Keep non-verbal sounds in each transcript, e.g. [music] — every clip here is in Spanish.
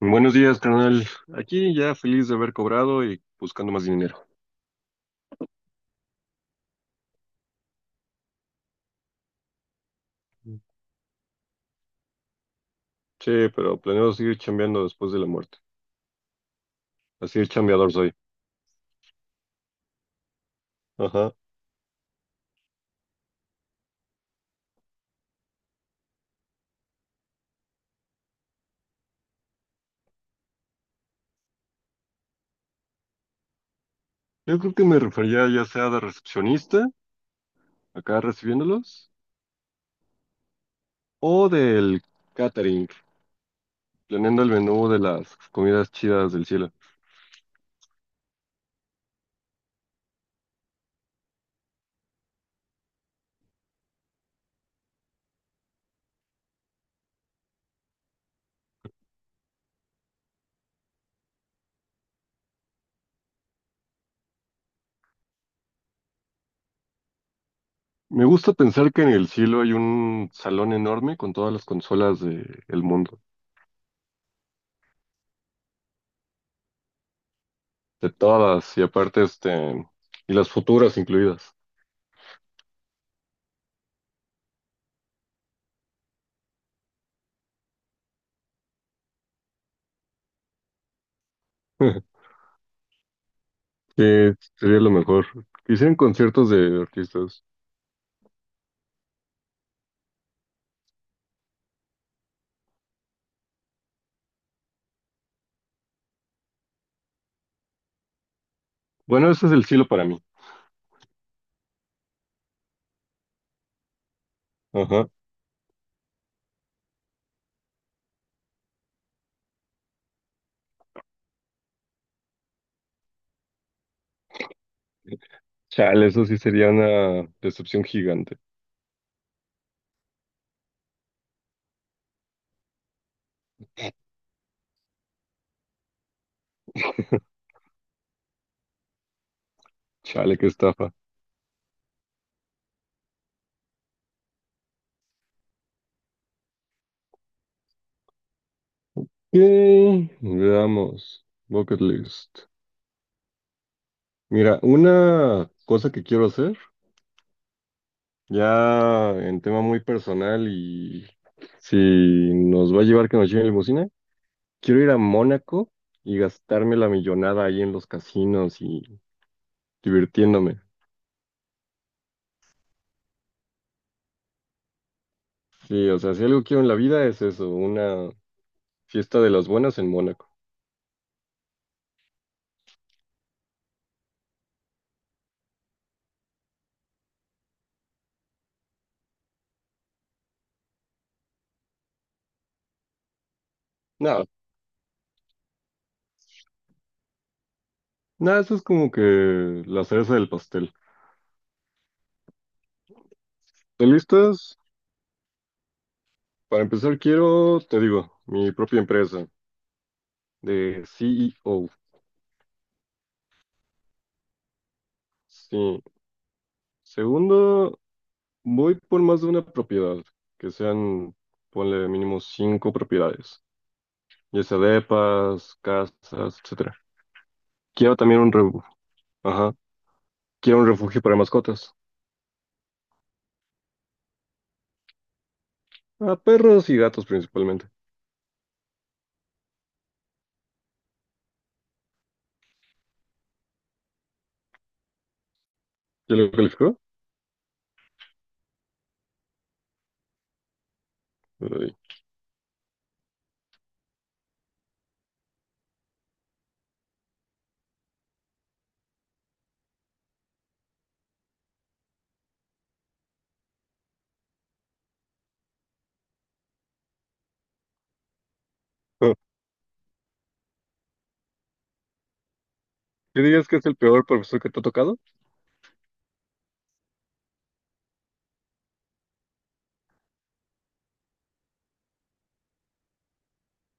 Buenos días, carnal. Aquí ya feliz de haber cobrado y buscando más dinero. Sí, pero planeo seguir chambeando después de la muerte. Así de chambeador soy. Ajá. Yo creo que me refería ya sea de recepcionista, acá recibiéndolos, o del catering, planeando el menú de las comidas chidas del cielo. Me gusta pensar que en el cielo hay un salón enorme con todas las consolas del mundo. De todas, y aparte este, y las futuras incluidas. [laughs] Sí, sería lo mejor. Quisieran conciertos de artistas. Bueno, ese es el cielo para mí. Ajá. Chale, eso sí sería una decepción gigante. [laughs] Chale, qué estafa. Ok, veamos. Bucket list. Mira, una cosa que quiero hacer, ya en tema muy personal y si nos va a llevar que nos lleven limusina, quiero ir a Mónaco y gastarme la millonada ahí en los casinos y divirtiéndome. Sí, o sea, si algo quiero en la vida es eso, una fiesta de las buenas en Mónaco. Nada, nada, eso es como que la cereza del pastel. ¿Están listas? Para empezar, quiero, te digo, mi propia empresa de CEO. Sí. Segundo, voy por más de una propiedad, que sean, ponle mínimo 5 propiedades, ya sea depas, casas, etcétera. Quiero también un refugio, ajá, quiero un refugio para mascotas, a perros y gatos principalmente. ¿Ya lo calificó? Oh. ¿Qué dirías que es el peor profesor que te ha tocado?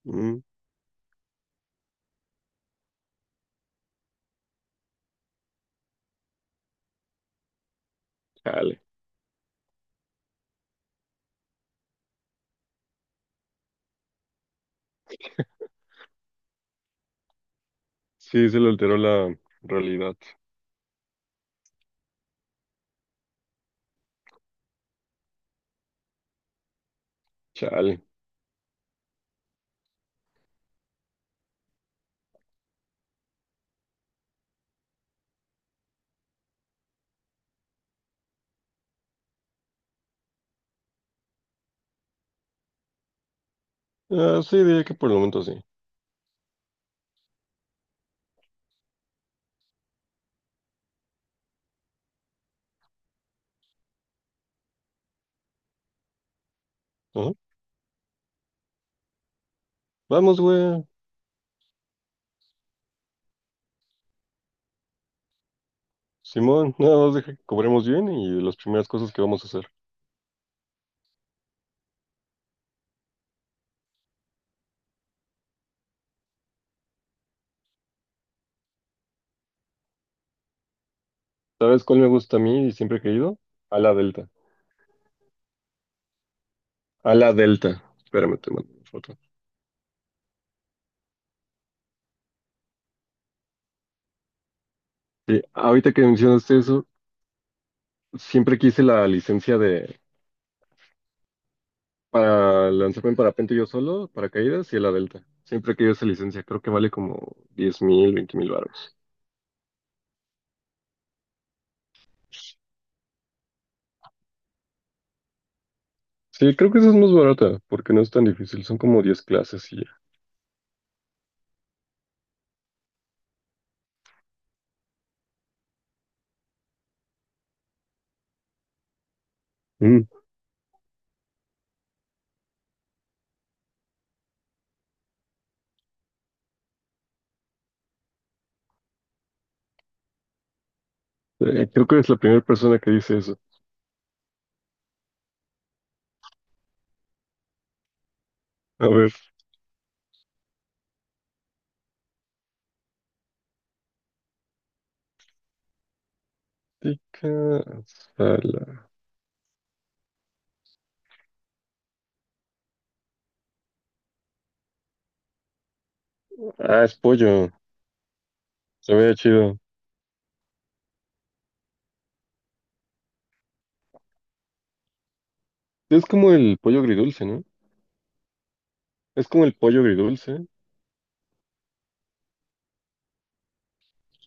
Mm, chale. Sí, se le alteró la realidad. Chale. Ah, sí, diría que por el momento sí. Ajá. Vamos, güey. Simón, nada más deja que cobremos bien y las primeras cosas que vamos a hacer. ¿Sabes cuál me gusta a mí y siempre he querido? A la Delta. A la Delta. Espérame, te mando una foto. Sí, ahorita que mencionaste eso, siempre quise la licencia de para lanzarme en parapente yo solo, paracaídas y a la Delta. Siempre he querido esa licencia. Creo que vale como 10,000, 20,000 baros. Sí, creo que esa es más barata, porque no es tan difícil, son como 10 clases y ya. Mm, creo que es la primera persona que dice eso. A ver, tica, sala. Ah, es pollo, se ve chido. Es como el pollo agridulce, ¿no? Es como el pollo agridulce,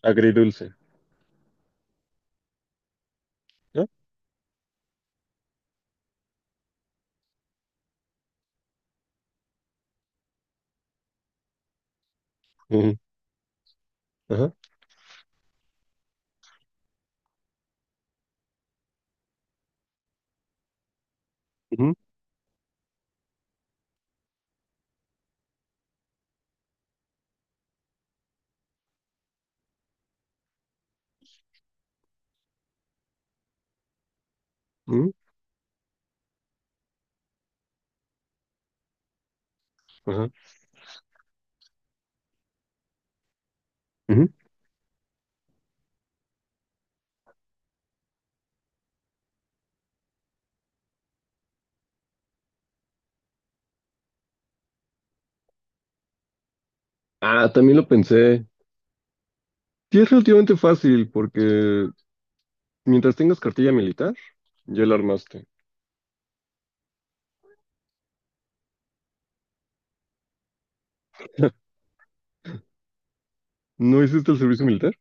agridulce, ¿no? Ujú. Ajá, ujú, ujú, ajá, ujú. Ah, también lo pensé. Sí, es relativamente fácil, porque mientras tengas cartilla militar, ya la armaste. ¿No hiciste el servicio militar?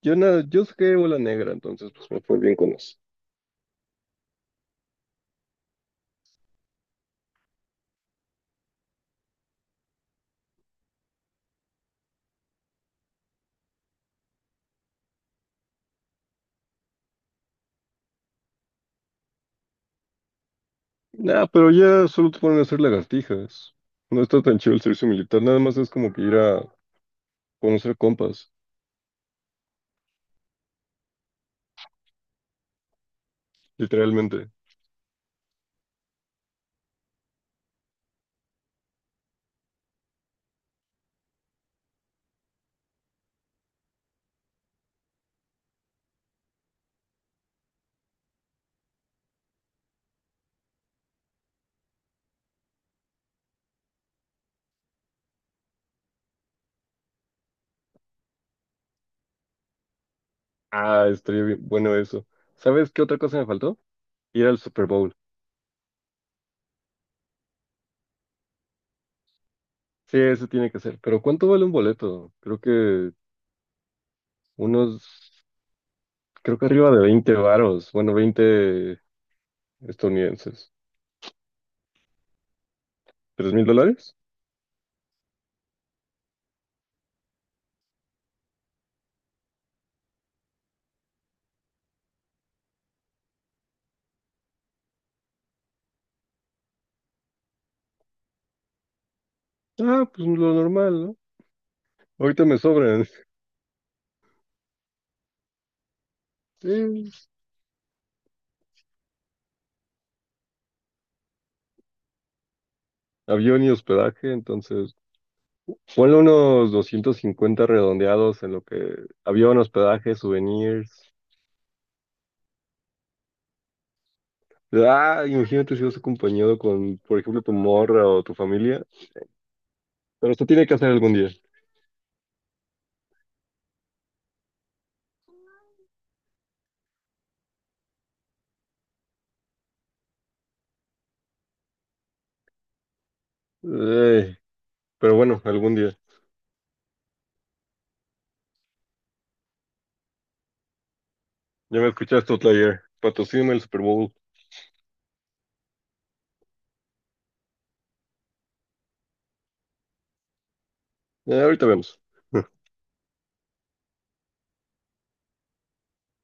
Yo nada, yo saqué bola negra, entonces pues me fue bien con eso. Nah, pero ya solo te ponen a hacer lagartijas. No está tan chido el servicio militar, nada más es como que ir a conocer compas, literalmente. Ah, estaría bien, bueno eso. ¿Sabes qué otra cosa me faltó? Ir al Super Bowl. Sí, eso tiene que ser. Pero ¿cuánto vale un boleto? Creo que unos, creo que arriba de 20 varos, bueno, 20 estadounidenses. ¿$3,000? Ah, pues lo normal, ¿no? Ahorita me sobran. [laughs] Sí, avión y hospedaje, entonces... Ponle unos 250 redondeados en lo que avión, hospedaje, souvenirs. Ah, imagínate si vas acompañado con, por ejemplo, tu morra o tu familia. Pero esto tiene que hacer algún día. Ey, pero bueno, algún día. Ya me escuchaste, player. Patrocíname el Super Bowl. Ahorita vemos. [laughs]